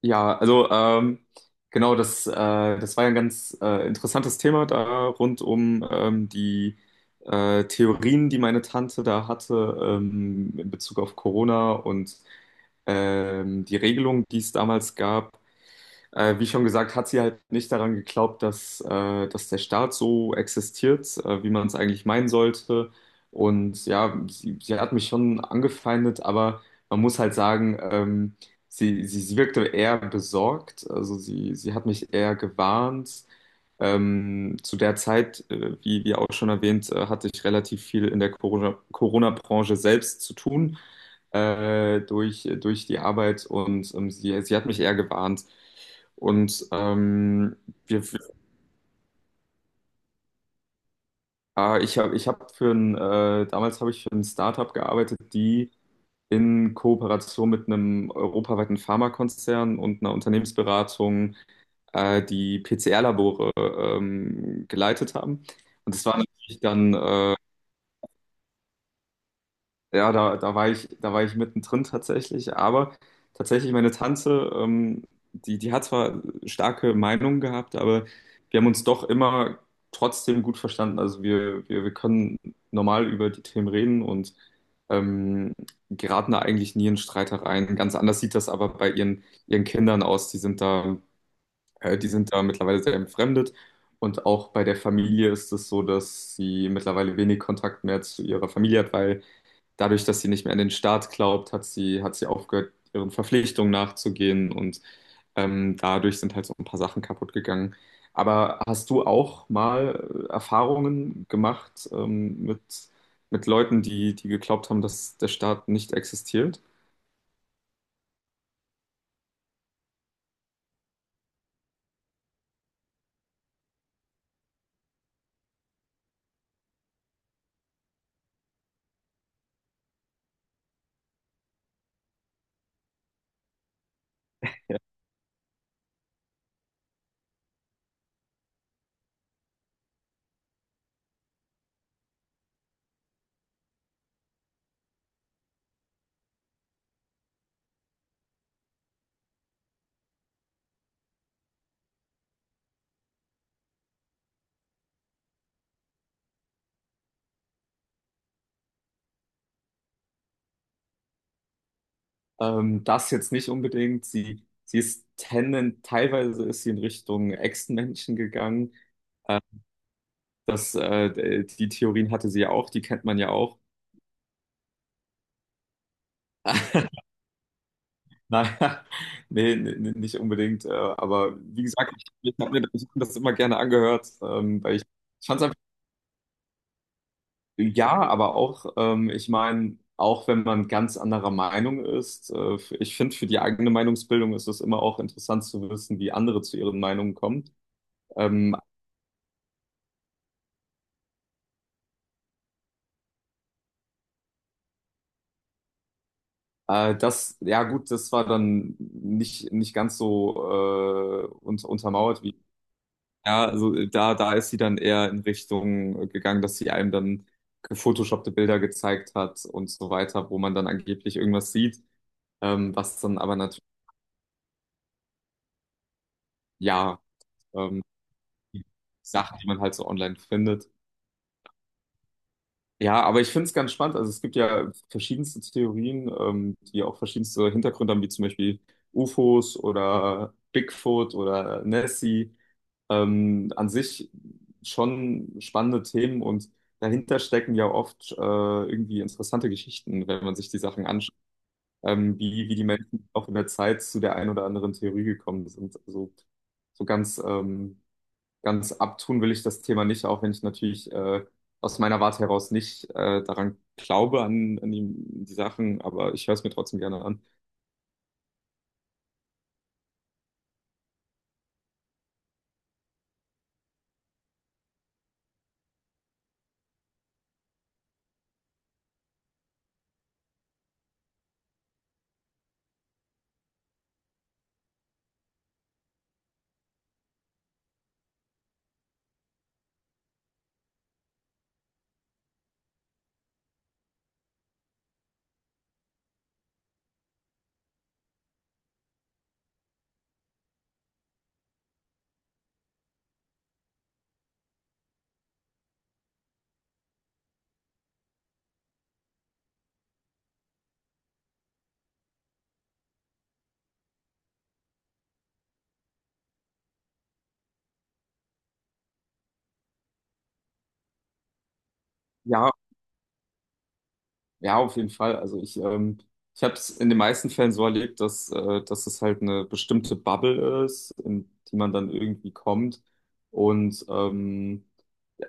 Ja, also genau, das war ja ein ganz interessantes Thema da rund um die Theorien, die meine Tante da hatte, in Bezug auf Corona und die Regelung, die es damals gab. Wie schon gesagt, hat sie halt nicht daran geglaubt, dass der Staat so existiert, wie man es eigentlich meinen sollte. Und ja, sie hat mich schon angefeindet, aber man muss halt sagen, sie wirkte eher besorgt. Also sie hat mich eher gewarnt. Zu der Zeit, wie auch schon erwähnt, hatte ich relativ viel in der Corona-Branche selbst zu tun, durch die Arbeit, und sie hat mich eher gewarnt. Und wir, ah, ich habe ich hab für damals habe ich für ein Startup gearbeitet, die in Kooperation mit einem europaweiten Pharmakonzern und einer Unternehmensberatung die PCR-Labore geleitet haben. Und das war natürlich dann ja, da war ich mittendrin tatsächlich, aber tatsächlich meine Tante, die hat zwar starke Meinungen gehabt, aber wir haben uns doch immer trotzdem gut verstanden. Also wir können normal über die Themen reden und ähm, geraten da eigentlich nie in Streitereien. Ganz anders sieht das aber bei ihren Kindern aus. Die sind da mittlerweile sehr entfremdet. Und auch bei der Familie ist es so, dass sie mittlerweile wenig Kontakt mehr zu ihrer Familie hat, weil dadurch, dass sie nicht mehr an den Staat glaubt, hat sie aufgehört, ihren Verpflichtungen nachzugehen, und dadurch sind halt so ein paar Sachen kaputt gegangen. Aber hast du auch mal Erfahrungen gemacht mit Leuten, die geglaubt haben, dass der Staat nicht existiert? Das jetzt nicht unbedingt. Sie ist teilweise ist sie in Richtung Echsenmenschen gegangen. Das, die Theorien hatte sie ja auch, die kennt man ja auch. Naja, nee, nee, nee, nicht unbedingt. Aber wie gesagt, ich habe mir das immer gerne angehört, weil ich fand es einfach, ja, aber auch, ich meine, auch wenn man ganz anderer Meinung ist, ich finde, für die eigene Meinungsbildung ist es immer auch interessant zu wissen, wie andere zu ihren Meinungen kommen. Ähm, das, ja gut, das war dann nicht ganz so un untermauert, wie ja, also da ist sie dann eher in Richtung gegangen, dass sie einem dann gefotoshoppte Bilder gezeigt hat und so weiter, wo man dann angeblich irgendwas sieht, was dann aber natürlich, ja, ähm, die Sachen, die man halt so online findet. Ja, aber ich finde es ganz spannend. Also es gibt ja verschiedenste Theorien, die auch verschiedenste Hintergründe haben, wie zum Beispiel UFOs oder Bigfoot oder Nessie. An sich schon spannende Themen, und dahinter stecken ja oft irgendwie interessante Geschichten, wenn man sich die Sachen anschaut, wie die Menschen auch in der Zeit zu der einen oder anderen Theorie gekommen sind. Also so ganz abtun will ich das Thema nicht, auch wenn ich natürlich aus meiner Warte heraus nicht daran glaube, an die Sachen, aber ich höre es mir trotzdem gerne an. Ja, ja, auf jeden Fall. Also ich habe es in den meisten Fällen so erlebt, dass es halt eine bestimmte Bubble ist, in die man dann irgendwie kommt. Und ähm,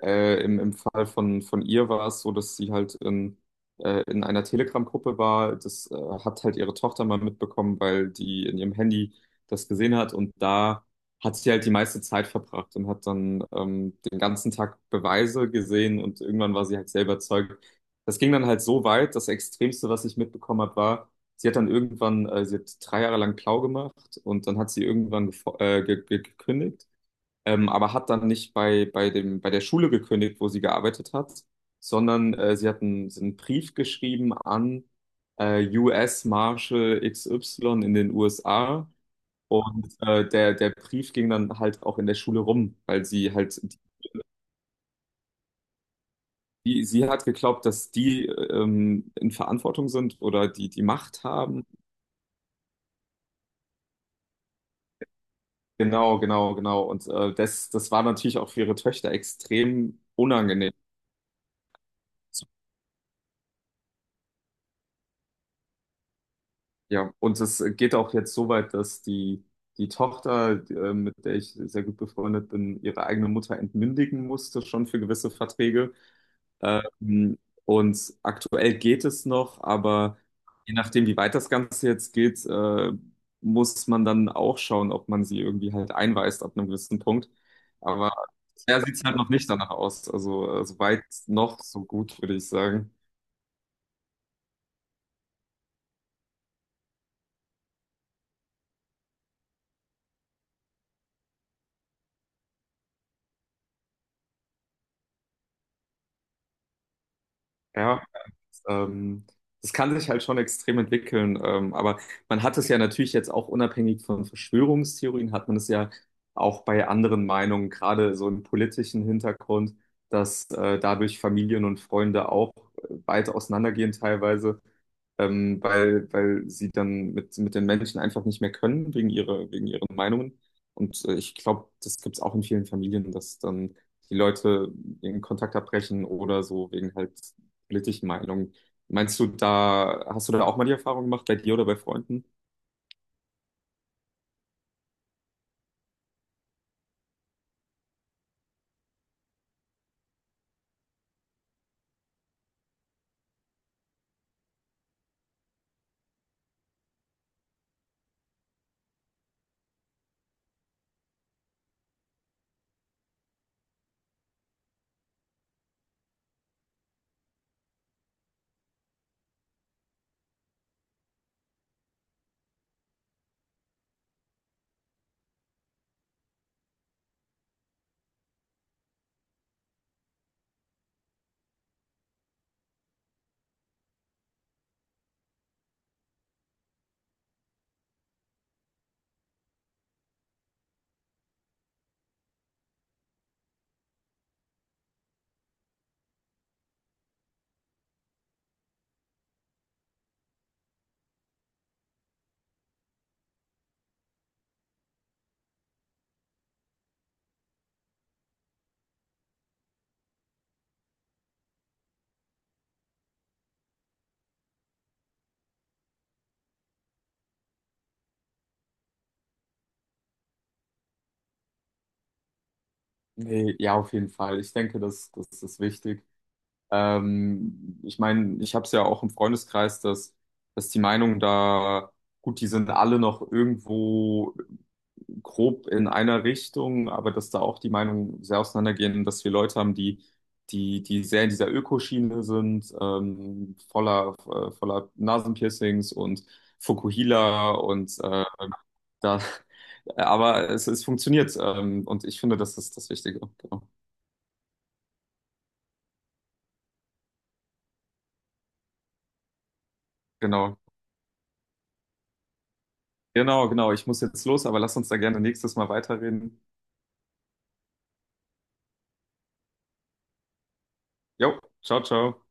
Äh, im, im Fall von ihr war es so, dass sie halt in einer Telegram-Gruppe war. Das hat halt ihre Tochter mal mitbekommen, weil die in ihrem Handy das gesehen hat. Und da hat sie halt die meiste Zeit verbracht und hat dann den ganzen Tag Beweise gesehen, und irgendwann war sie halt selber überzeugt. Das ging dann halt so weit, das Extremste, was ich mitbekommen habe, war, sie hat dann irgendwann, sie hat 3 Jahre lang Klau gemacht, und dann hat sie irgendwann gefo- ge ge gekündigt, aber hat dann nicht bei der Schule gekündigt, wo sie gearbeitet hat, sondern sie hat sie hat einen Brief geschrieben an US Marshal XY in den USA, und der Brief ging dann halt auch in der Schule rum, weil sie halt, sie hat geglaubt, dass die in Verantwortung sind oder die die Macht haben. Genau, genau, genau. Und das war natürlich auch für ihre Töchter extrem unangenehm. Ja, und es geht auch jetzt so weit, dass die Tochter, mit der ich sehr gut befreundet bin, ihre eigene Mutter entmündigen musste, schon für gewisse Verträge. Ähm, und aktuell geht es noch, aber je nachdem, wie weit das Ganze jetzt geht, muss man dann auch schauen, ob man sie irgendwie halt einweist ab einem gewissen Punkt. Aber bisher sieht es halt noch nicht danach aus. Also, so weit noch, so gut, würde ich sagen. Ja. Ähm, Das kann sich halt schon extrem entwickeln, aber man hat es ja natürlich jetzt auch unabhängig von Verschwörungstheorien, hat man es ja auch bei anderen Meinungen, gerade so im politischen Hintergrund, dass dadurch Familien und Freunde auch weit auseinandergehen teilweise, weil sie dann mit den Menschen einfach nicht mehr können, wegen wegen ihren Meinungen. Und ich glaube, das gibt es auch in vielen Familien, dass dann die Leute den Kontakt abbrechen oder so wegen halt politischen Meinungen. Meinst du, da hast du da auch mal die Erfahrung gemacht, bei dir oder bei Freunden? Nee, ja, auf jeden Fall. Ich denke, das ist wichtig. Ich meine, ich habe es ja auch im Freundeskreis, dass die Meinungen da, gut, die sind alle noch irgendwo grob in einer Richtung, aber dass da auch die Meinungen sehr auseinandergehen, dass wir Leute haben, die sehr in dieser Ökoschiene sind, voller Nasenpiercings und Fukuhila und da, aber es funktioniert, und ich finde, das ist das Wichtige. Genau. Genau, genau, genau. Ich muss jetzt los, aber lass uns da gerne nächstes Mal weiterreden. Jo, ciao, ciao.